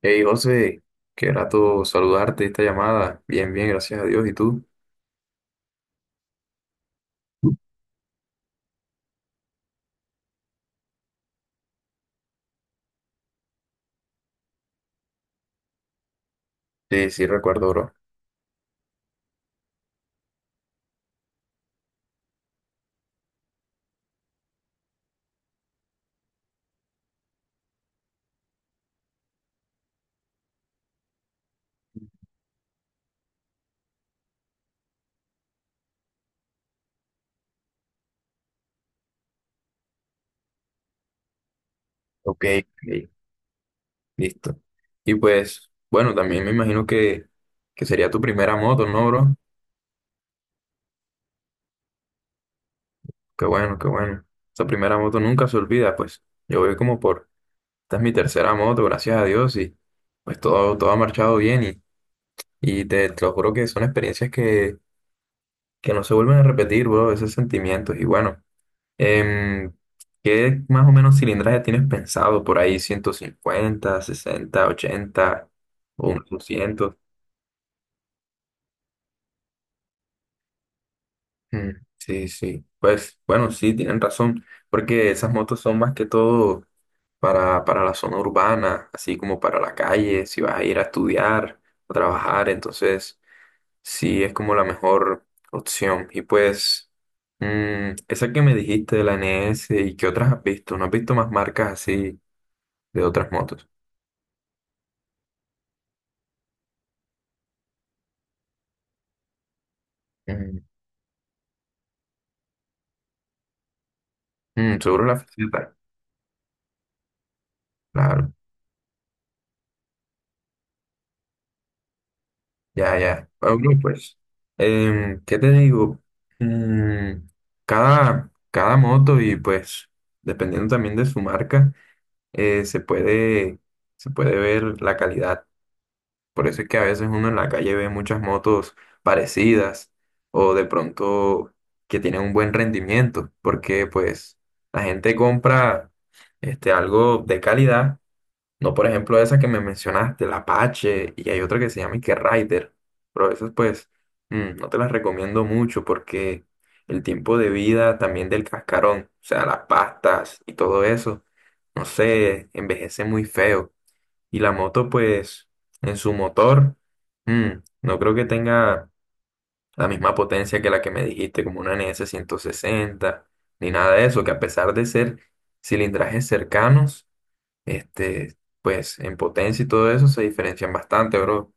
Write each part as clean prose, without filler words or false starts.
Hey José, qué grato saludarte esta llamada. Bien, bien, gracias a Dios. ¿Y tú? Sí, sí, recuerdo, bro. Ok, ok, listo. Y pues, bueno, también me imagino que sería tu primera moto, ¿no, bro? Qué bueno, qué bueno. Esa primera moto nunca se olvida, pues. Yo voy como por, esta es mi tercera moto, gracias a Dios, y pues todo ha marchado bien. Y te lo juro que son experiencias que no se vuelven a repetir, bro, esos sentimientos. Y bueno. Em, ¿Qué más o menos cilindraje tienes pensado por ahí? ¿150, 60, 80 o unos 200? Mm, sí, sí. Pues bueno, sí, tienen razón, porque esas motos son más que todo para la zona urbana, así como para la calle, si vas a ir a estudiar o trabajar, entonces sí es como la mejor opción. Y pues esa que me dijiste de la N S y qué otras has visto, ¿no has visto más marcas así de otras motos? Mm, seguro la faceta. Claro, ya, ya. Bueno, pues, ¿qué te digo? Mm, cada moto y pues, dependiendo también de su marca, eh, se puede, se puede ver la calidad. Por eso es que a veces uno en la calle ve muchas motos parecidas o de pronto que tienen un buen rendimiento, porque pues la gente compra este, algo de calidad. No, por ejemplo, esa que me mencionaste, la Apache, y hay otra que se llama Ike Rider, pero esas pues no te las recomiendo mucho porque el tiempo de vida también del cascarón, o sea, las pastas y todo eso, no sé, envejece muy feo. Y la moto pues en su motor, mm, no creo que tenga la misma potencia que la que me dijiste, como una NS sesenta ni nada de eso, que a pesar de ser cilindrajes cercanos, este, pues en potencia y todo eso se diferencian bastante, bro.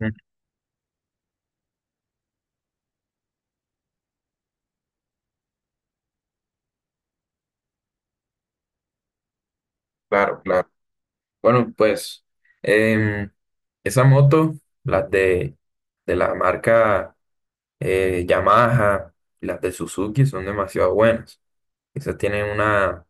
Mm, claro, claro. Bueno, pues em, esa moto, las de la marca Yamaha y las de Suzuki son demasiado buenas. Esas tienen una,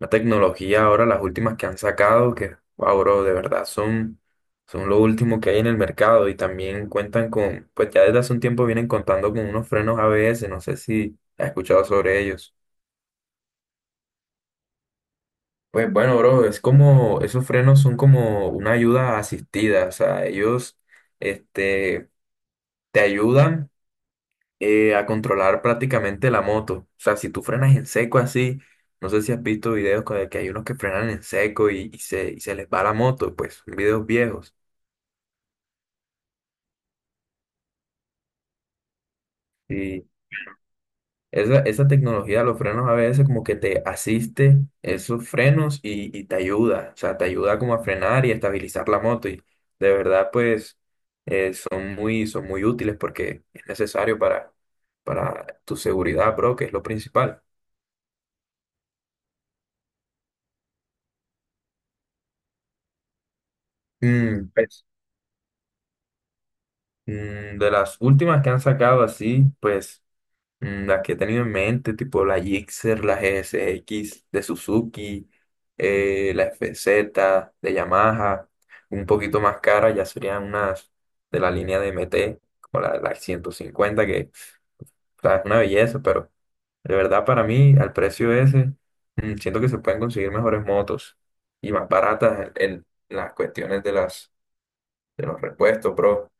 una tecnología ahora, las últimas que han sacado, que, wow, bro, de verdad son lo último que hay en el mercado y también cuentan con, pues ya desde hace un tiempo vienen contando con unos frenos ABS, no sé si has escuchado sobre ellos. Pues bueno, bro, es como, esos frenos son como una ayuda asistida, o sea, ellos, este, te ayudan a controlar prácticamente la moto. O sea, si tú frenas en seco así, no sé si has visto videos con el que hay unos que frenan en seco y se les va la moto, pues son videos viejos. Esa tecnología, los frenos a ABS como que te asiste esos frenos y te ayuda, o sea, te ayuda como a frenar y a estabilizar la moto y de verdad pues son muy útiles porque es necesario para tu seguridad, bro, que es lo principal. Pues, de las últimas que han sacado así, pues las que he tenido en mente, tipo la Gixxer, la GSX de Suzuki, la FZ de Yamaha, un poquito más cara ya serían unas de la línea de MT, como la 150 que o sea, es una belleza, pero de verdad para mí, al precio ese, siento que se pueden conseguir mejores motos y más baratas en las cuestiones de los repuestos, bro.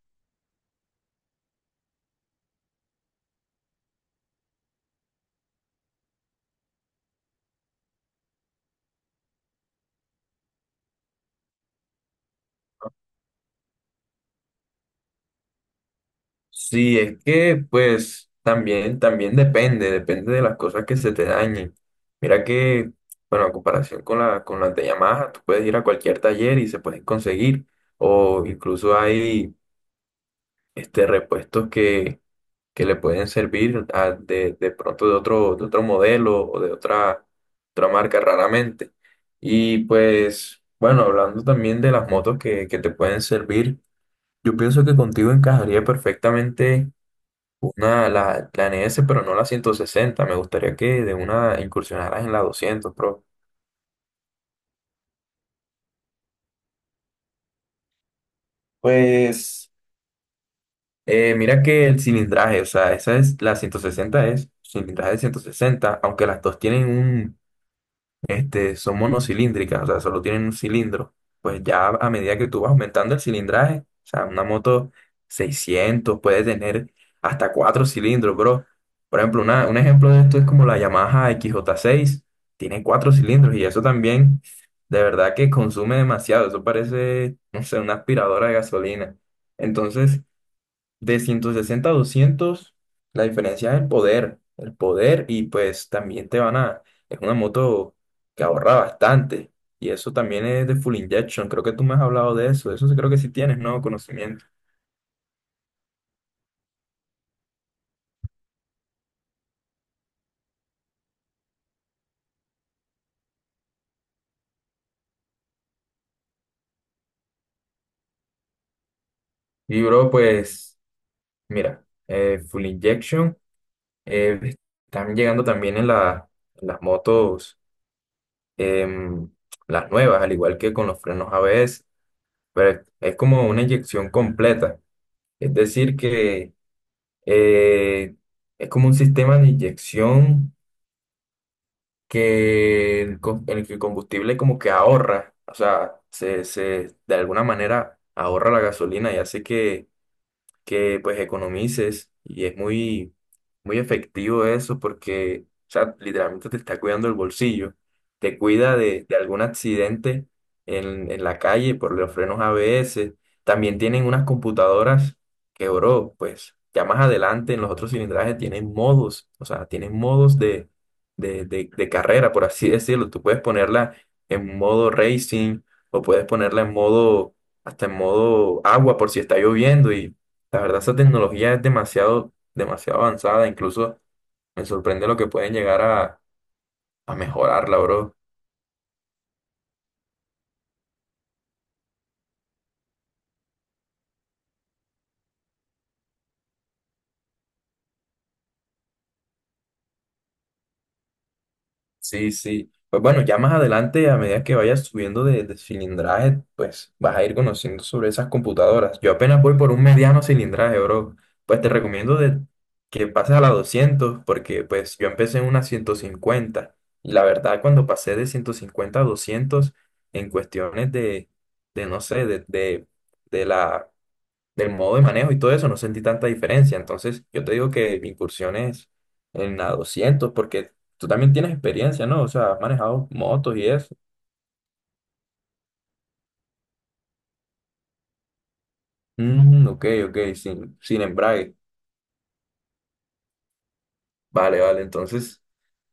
Sí, es que pues también depende de las cosas que se te dañen. Mira que, bueno, en comparación con las de Yamaha, tú puedes ir a cualquier taller y se pueden conseguir. O incluso hay este, repuestos que le pueden servir de pronto de otro modelo o de otra marca raramente. Y pues, bueno, hablando también de las motos que te pueden servir, yo pienso que contigo encajaría perfectamente la NS, pero no la 160. Me gustaría que de una incursionaras en la 200, pro. Pues, mira que el cilindraje, o sea, la 160 es cilindraje de 160, aunque las dos tienen son monocilíndricas, o sea, solo tienen un cilindro. Pues ya a medida que tú vas aumentando el cilindraje, o sea, una moto 600 puede tener hasta cuatro cilindros, bro. Por ejemplo, un ejemplo de esto es como la Yamaha xj seis tiene cuatro cilindros y eso también, de verdad que consume demasiado, eso parece, no sé, una aspiradora de gasolina. Entonces, de 160 a 200 la diferencia es el poder y pues también es una moto que ahorra bastante y eso también es de full injection, creo que tú me has hablado de eso, eso sí creo que sí tienes, ¿no? Conocimiento. Y bro, pues mira, full injection, eh, están llegando también en las motos, em, las nuevas, al igual que con los frenos a ABS, pero es como una inyección completa. Es decir, que Eh, es como un sistema de inyección en el que el combustible como que ahorra, o sea, de alguna manera ahorra la gasolina y hace que pues economices y es muy, muy efectivo eso porque, o sea, literalmente te está cuidando el bolsillo, te cuida de algún accidente en la calle por los frenos ABS, también tienen unas computadoras que, bro, pues ya más adelante en los otros cilindrajes tienen modos, o sea, tienen modos de carrera, por así decirlo, tú puedes ponerla en modo racing o puedes ponerla en modo hasta en modo agua por si está lloviendo y la verdad, esa tecnología es demasiado, demasiado avanzada. Incluso me sorprende lo que pueden llegar a mejorarla, bro. Sí, sí. Pues bueno, ya más adelante, a medida que vayas subiendo de cilindraje, pues vas a ir conociendo sobre esas computadoras. Yo apenas voy por un mediano cilindraje, bro. Pues te recomiendo que pases a la 200 porque pues yo empecé en una 150. Y la verdad, cuando pasé de 150 a 200 en cuestiones de no sé, de la del modo de manejo y todo eso, no sentí tanta diferencia. Entonces, yo te digo que mi incursión es en la 200 porque tú también tienes experiencia, ¿no? O sea, has manejado motos y eso. Mm, ok, ok, sin embrague. Vale, vale, entonces.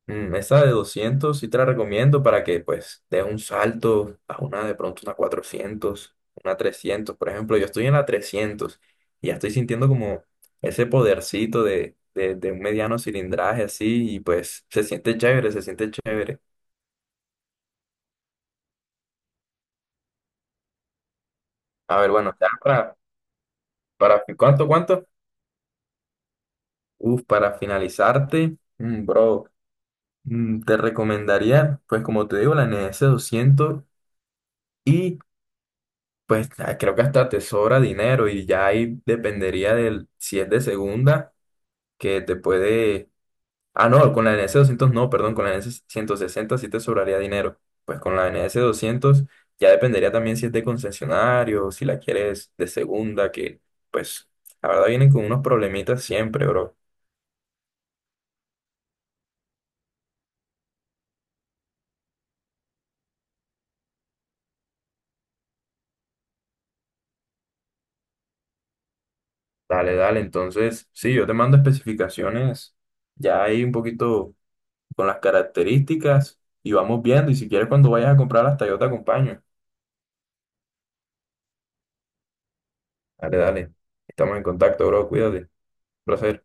Esta de 200 sí te la recomiendo para que pues des un salto a una de pronto una cuatrocientos, una trescientos. Por ejemplo, yo estoy en la 300 y ya estoy sintiendo como ese podercito de un mediano cilindraje así y pues se siente chévere, se siente chévere. A ver, bueno, ya para, ¿cuánto, cuánto? Uf, para finalizarte, bro, te recomendaría pues como te digo la N S 200 y pues creo que hasta te sobra dinero y ya ahí dependería del si es de segunda, que te puede. Ah, no, con la N S doscientos no, perdón, con la N S ciento sesenta sí te sobraría dinero. Pues con la N S doscientos ya dependería también si es de concesionario, si la quieres de segunda, que pues la verdad vienen con unos problemitas siempre, bro. Dale, dale, entonces sí, yo te mando especificaciones ya ahí un poquito con las características y vamos viendo y si quieres cuando vayas a comprar hasta yo te acompaño. Dale, dale. Estamos en contacto, bro. Cuídate. Placer.